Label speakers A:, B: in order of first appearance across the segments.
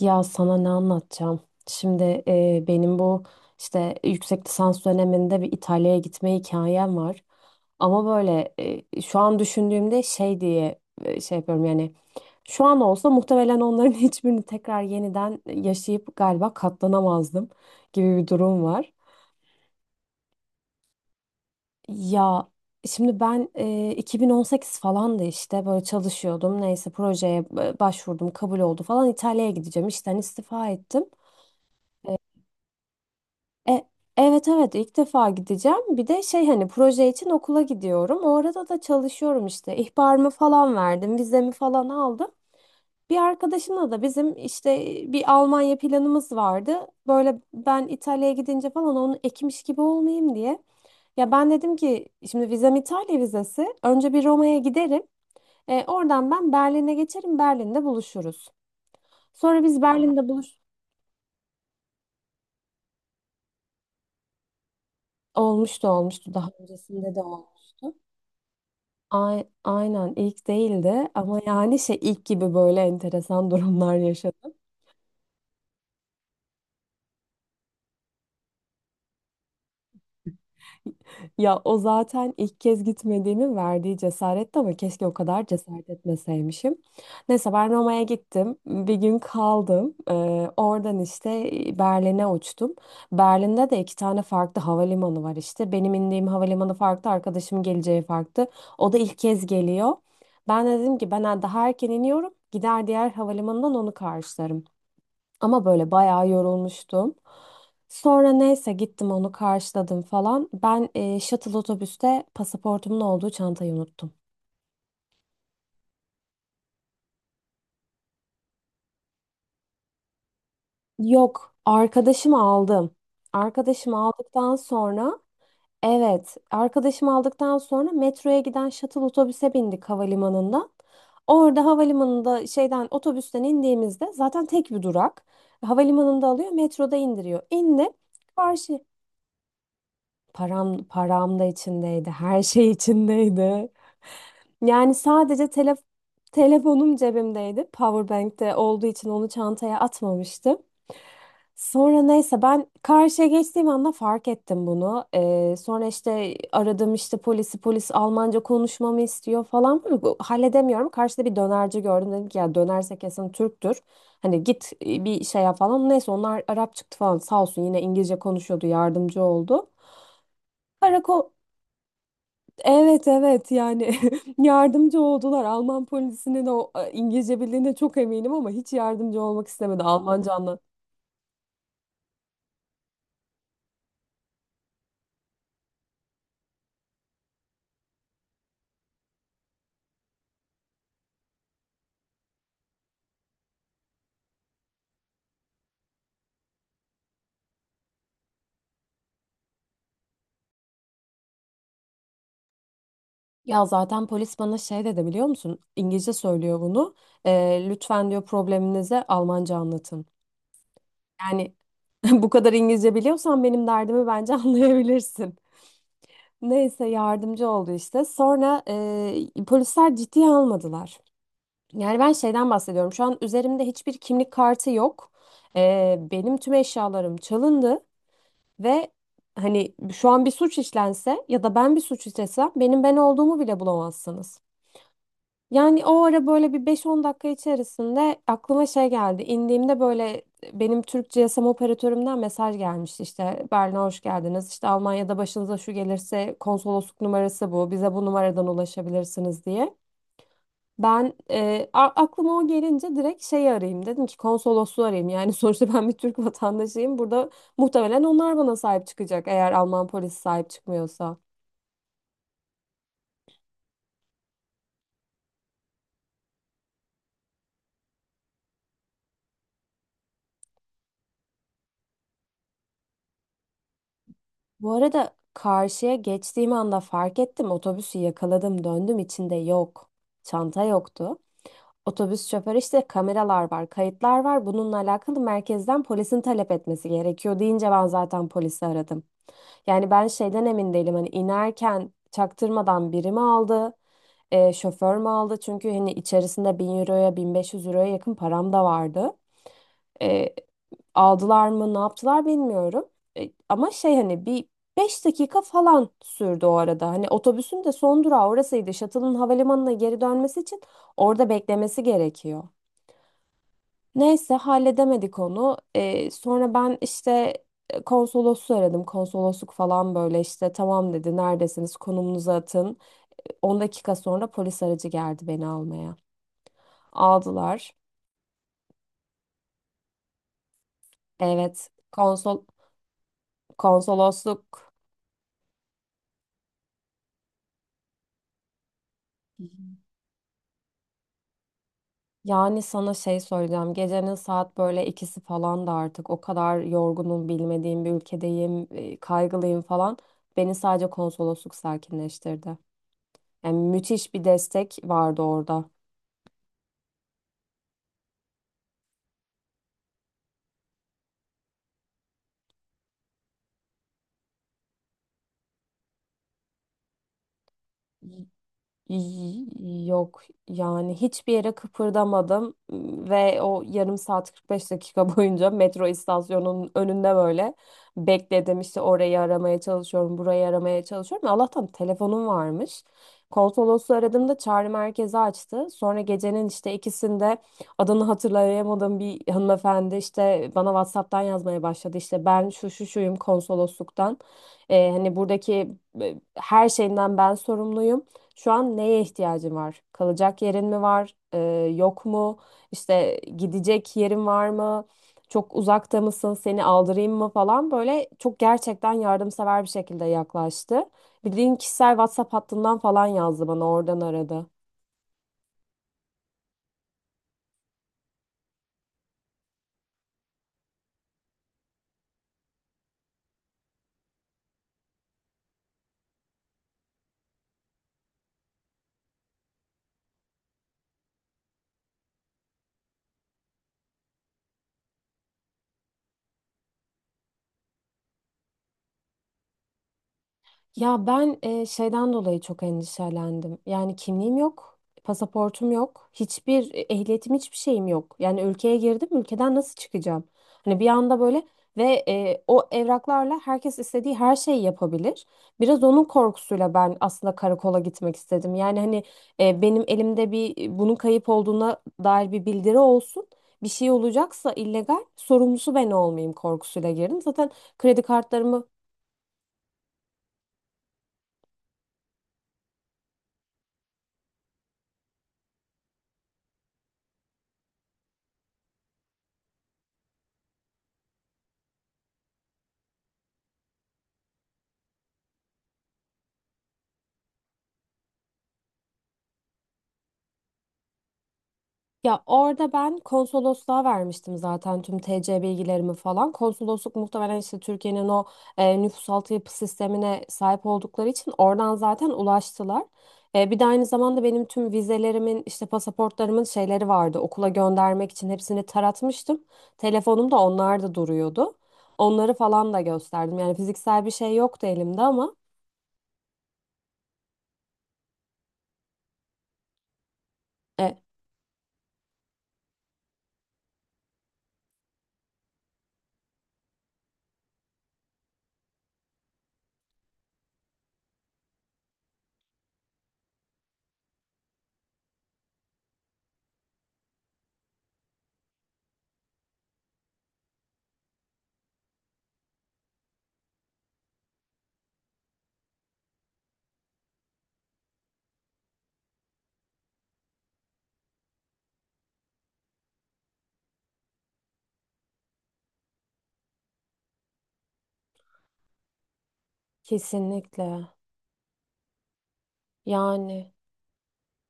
A: Ya sana ne anlatacağım? Şimdi, benim bu işte yüksek lisans döneminde bir İtalya'ya gitme hikayem var. Ama böyle, şu an düşündüğümde şey diye şey yapıyorum yani şu an olsa muhtemelen onların hiçbirini tekrar yeniden yaşayıp galiba katlanamazdım gibi bir durum var. Ya şimdi ben 2018 falan da işte böyle çalışıyordum. Neyse projeye başvurdum, kabul oldu falan İtalya'ya gideceğim. İşten istifa ettim. E, evet, evet, ilk defa gideceğim. Bir de şey hani proje için okula gidiyorum. O arada da çalışıyorum işte. İhbarımı falan verdim, vizemi falan aldım. Bir arkadaşımla da bizim işte bir Almanya planımız vardı. Böyle ben İtalya'ya gidince falan onu ekmiş gibi olmayayım diye. Ya ben dedim ki şimdi vizem İtalya vizesi. Önce bir Roma'ya giderim. Oradan ben Berlin'e geçerim. Berlin'de buluşuruz. Sonra biz Berlin'de buluş olmuştu, olmuştu, daha öncesinde de olmuştu. Ay, aynen ilk değildi ama yani şey ilk gibi böyle enteresan durumlar yaşadım. Ya o zaten ilk kez gitmediğimi verdiği cesaretti ama keşke o kadar cesaret etmeseymişim. Neyse ben Roma'ya gittim. Bir gün kaldım. Oradan işte Berlin'e uçtum. Berlin'de de iki tane farklı havalimanı var işte. Benim indiğim havalimanı farklı, arkadaşım geleceği farklı. O da ilk kez geliyor. Ben de dedim ki ben daha erken iniyorum. Gider diğer havalimanından onu karşılarım. Ama böyle bayağı yorulmuştum. Sonra neyse gittim onu karşıladım falan. Ben shuttle otobüste pasaportumun olduğu çantayı unuttum. Yok, arkadaşımı aldım. Arkadaşımı aldıktan sonra evet, arkadaşımı aldıktan sonra metroya giden shuttle otobüse bindik havalimanından. Orada havalimanında şeyden otobüsten indiğimizde zaten tek bir durak. Havalimanında alıyor, metroda indiriyor. İndim. Karşı Param, param da içindeydi. Her şey içindeydi. Yani sadece telefonum cebimdeydi. Powerbank'te olduğu için onu çantaya atmamıştım. Sonra neyse ben karşıya geçtiğim anda fark ettim bunu. Sonra işte aradım işte polisi, polis Almanca konuşmamı istiyor falan. Halledemiyorum. Karşıda bir dönerci gördüm. Dedim ki ya dönerse kesin Türktür. Hani git, bir şey yap falan. Neyse onlar Arap çıktı falan, sağ olsun yine İngilizce konuşuyordu, yardımcı oldu. Karakol Evet, evet, yani yardımcı oldular. Alman polisinin o İngilizce bildiğine çok eminim ama hiç yardımcı olmak istemedi, Almanca anla. Ya zaten polis bana şey dedi biliyor musun? İngilizce söylüyor bunu. Lütfen diyor probleminize Almanca anlatın. Yani bu kadar İngilizce biliyorsan benim derdimi bence anlayabilirsin. Neyse yardımcı oldu işte. Sonra polisler ciddiye almadılar. Yani ben şeyden bahsediyorum. Şu an üzerimde hiçbir kimlik kartı yok. Benim tüm eşyalarım çalındı ve hani şu an bir suç işlense ya da ben bir suç işlesem benim ben olduğumu bile bulamazsınız. Yani o ara böyle bir 5-10 dakika içerisinde aklıma şey geldi. İndiğimde böyle benim Türk GSM operatörümden mesaj gelmişti işte Berlin'e hoş geldiniz. İşte Almanya'da başınıza şu gelirse konsolosluk numarası bu. Bize bu numaradan ulaşabilirsiniz diye. Ben aklıma o gelince direkt şeyi arayayım dedim ki konsolosluğu arayayım. Yani sonuçta ben bir Türk vatandaşıyım. Burada muhtemelen onlar bana sahip çıkacak eğer Alman polisi sahip çıkmıyorsa. Bu arada karşıya geçtiğim anda fark ettim, otobüsü yakaladım, döndüm, içinde yok. Çanta yoktu. Otobüs şoförü işte kameralar var, kayıtlar var. Bununla alakalı merkezden polisin talep etmesi gerekiyor deyince ben zaten polisi aradım. Yani ben şeyden emin değilim hani inerken çaktırmadan biri mi aldı, şoför mü aldı? Çünkü hani içerisinde 1.000 euroya 1.500 euroya yakın param da vardı. E, Aldılar mı ne yaptılar bilmiyorum. Ama şey hani bir 5 dakika falan sürdü o arada. Hani otobüsün de son durağı orasıydı. Shuttle'ın havalimanına geri dönmesi için orada beklemesi gerekiyor. Neyse halledemedik onu. Sonra ben işte konsolosu aradım. Konsolosluk falan böyle işte tamam dedi, neredesiniz, konumunuzu atın. 10 dakika sonra polis aracı geldi beni almaya. Aldılar. Evet, konsolosluk yani sana şey söyleyeceğim. Gecenin saat böyle ikisi falan da artık o kadar yorgunum, bilmediğim bir ülkedeyim, kaygılıyım falan. Beni sadece konsolosluk sakinleştirdi. Yani müthiş bir destek vardı orada. Y- Yok yani hiçbir yere kıpırdamadım ve o yarım saat 45 dakika boyunca metro istasyonunun önünde böyle bekledim işte, orayı aramaya çalışıyorum, burayı aramaya çalışıyorum, Allah'tan telefonum varmış. Konsolosu aradığımda çağrı merkezi açtı, sonra gecenin işte ikisinde adını hatırlayamadığım bir hanımefendi işte bana WhatsApp'tan yazmaya başladı, işte ben şu şu şuyum konsolosluktan. Hani buradaki e, her şeyinden ben sorumluyum, şu an neye ihtiyacın var? Kalacak yerin mi var? Yok mu? İşte gidecek yerin var mı? Çok uzakta mısın? Seni aldırayım mı falan, böyle çok gerçekten yardımsever bir şekilde yaklaştı. Bildiğin kişisel WhatsApp hattından falan yazdı bana, oradan aradı. Ya ben şeyden dolayı çok endişelendim. Yani kimliğim yok, pasaportum yok, hiçbir, ehliyetim, hiçbir şeyim yok. Yani ülkeye girdim, ülkeden nasıl çıkacağım? Hani bir anda böyle ve, o evraklarla herkes istediği her şeyi yapabilir. Biraz onun korkusuyla ben aslında karakola gitmek istedim. Yani hani, benim elimde bir, bunun kayıp olduğuna dair bir bildiri olsun. Bir şey olacaksa illegal, sorumlusu ben olmayayım korkusuyla girdim. Zaten kredi kartlarımı Ya orada ben konsolosluğa vermiştim zaten tüm TC bilgilerimi falan. Konsolosluk muhtemelen işte Türkiye'nin o nüfusaltı yapı sistemine sahip oldukları için oradan zaten ulaştılar. Bir de aynı zamanda benim tüm vizelerimin işte pasaportlarımın şeyleri vardı. Okula göndermek için hepsini taratmıştım. Telefonumda onlar da duruyordu. Onları falan da gösterdim. Yani fiziksel bir şey yoktu elimde ama, e, kesinlikle yani.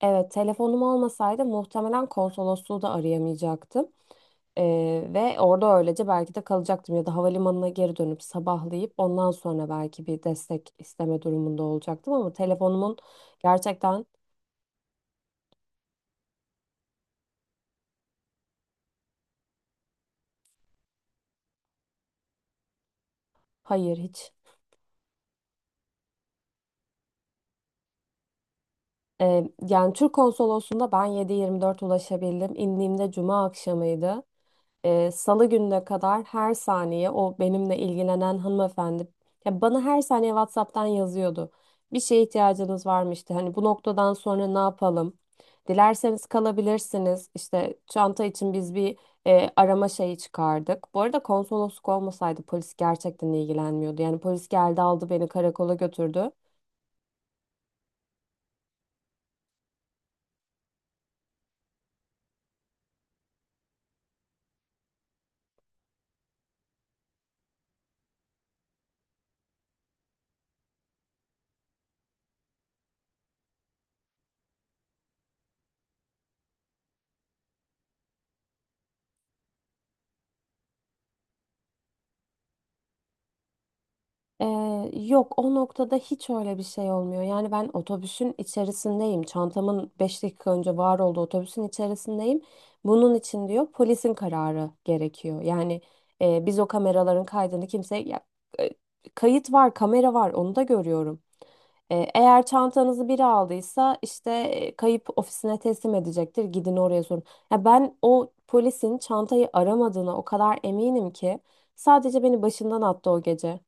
A: Evet, telefonum olmasaydı muhtemelen konsolosluğu da arayamayacaktım. Ve orada öylece belki de kalacaktım ya da havalimanına geri dönüp sabahlayıp ondan sonra belki bir destek isteme durumunda olacaktım ama telefonumun gerçekten, hayır, hiç. Yani Türk konsolosluğunda ben 7/24 ulaşabildim. İndiğimde cuma akşamıydı. Salı gününe kadar her saniye o benimle ilgilenen hanımefendi ya bana her saniye WhatsApp'tan yazıyordu. Bir şeye ihtiyacınız var mı işte hani bu noktadan sonra ne yapalım? Dilerseniz kalabilirsiniz. İşte çanta için biz bir, arama şeyi çıkardık. Bu arada konsolosluk olmasaydı polis gerçekten ilgilenmiyordu. Yani polis geldi, aldı beni karakola götürdü. Ee, Yok o noktada hiç öyle bir şey olmuyor. Yani ben otobüsün içerisindeyim. Çantamın 5 dakika önce var olduğu otobüsün içerisindeyim. Bunun için diyor polisin kararı gerekiyor. Yani, biz o kameraların kaydını kimse ya, e, kayıt var, kamera var, onu da görüyorum. Eğer çantanızı biri aldıysa işte, kayıp ofisine teslim edecektir. Gidin oraya sorun. Ya ben o polisin çantayı aramadığına o kadar eminim ki sadece beni başından attı o gece.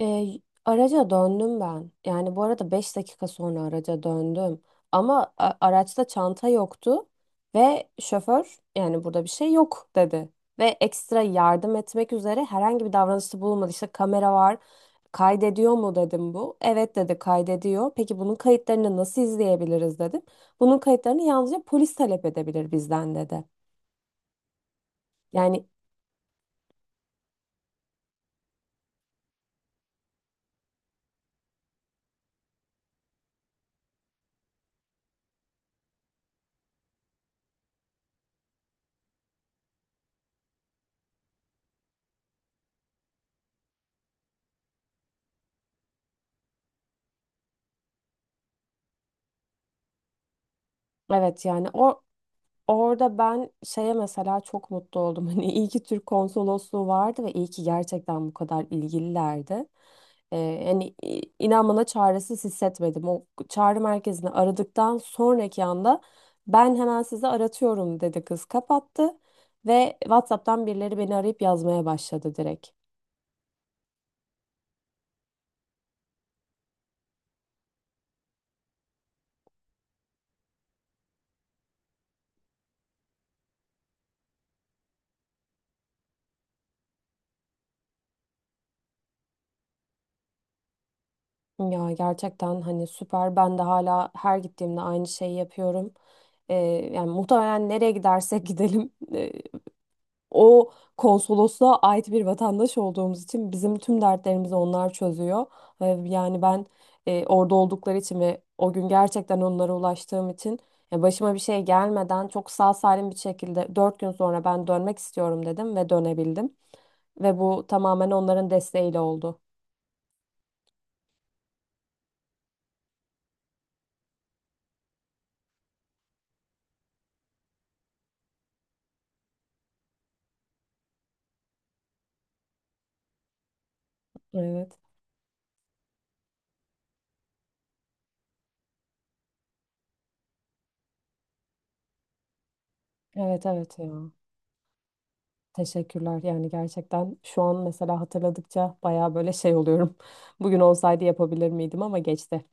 A: E, Araca döndüm ben. Yani bu arada 5 dakika sonra araca döndüm. Ama araçta çanta yoktu ve şoför yani burada bir şey yok dedi. Ve ekstra yardım etmek üzere herhangi bir davranışta bulunmadı. İşte kamera var, kaydediyor mu dedim bu. Evet dedi, kaydediyor. Peki bunun kayıtlarını nasıl izleyebiliriz dedim. Bunun kayıtlarını yalnızca polis talep edebilir bizden dedi. Yani evet, yani orada ben şeye mesela çok mutlu oldum. Hani iyi ki Türk konsolosluğu vardı ve iyi ki gerçekten bu kadar ilgililerdi. Yani inan bana çaresiz hissetmedim. O çağrı merkezini aradıktan sonraki anda ben hemen sizi aratıyorum dedi kız, kapattı. Ve WhatsApp'tan birileri beni arayıp yazmaya başladı direkt. Ya gerçekten hani süper. Ben de hala her gittiğimde aynı şeyi yapıyorum. Ee, Yani muhtemelen nereye gidersek gidelim, o konsolosluğa ait bir vatandaş olduğumuz için bizim tüm dertlerimizi onlar çözüyor. Yani ben, orada oldukları için ve o gün gerçekten onlara ulaştığım için ya, başıma bir şey gelmeden çok sağ salim bir şekilde dört gün sonra ben dönmek istiyorum dedim ve dönebildim. Ve bu tamamen onların desteğiyle oldu. Evet. Evet, evet ya. Teşekkürler. Yani gerçekten şu an mesela hatırladıkça baya böyle şey oluyorum. Bugün olsaydı yapabilir miydim, ama geçti.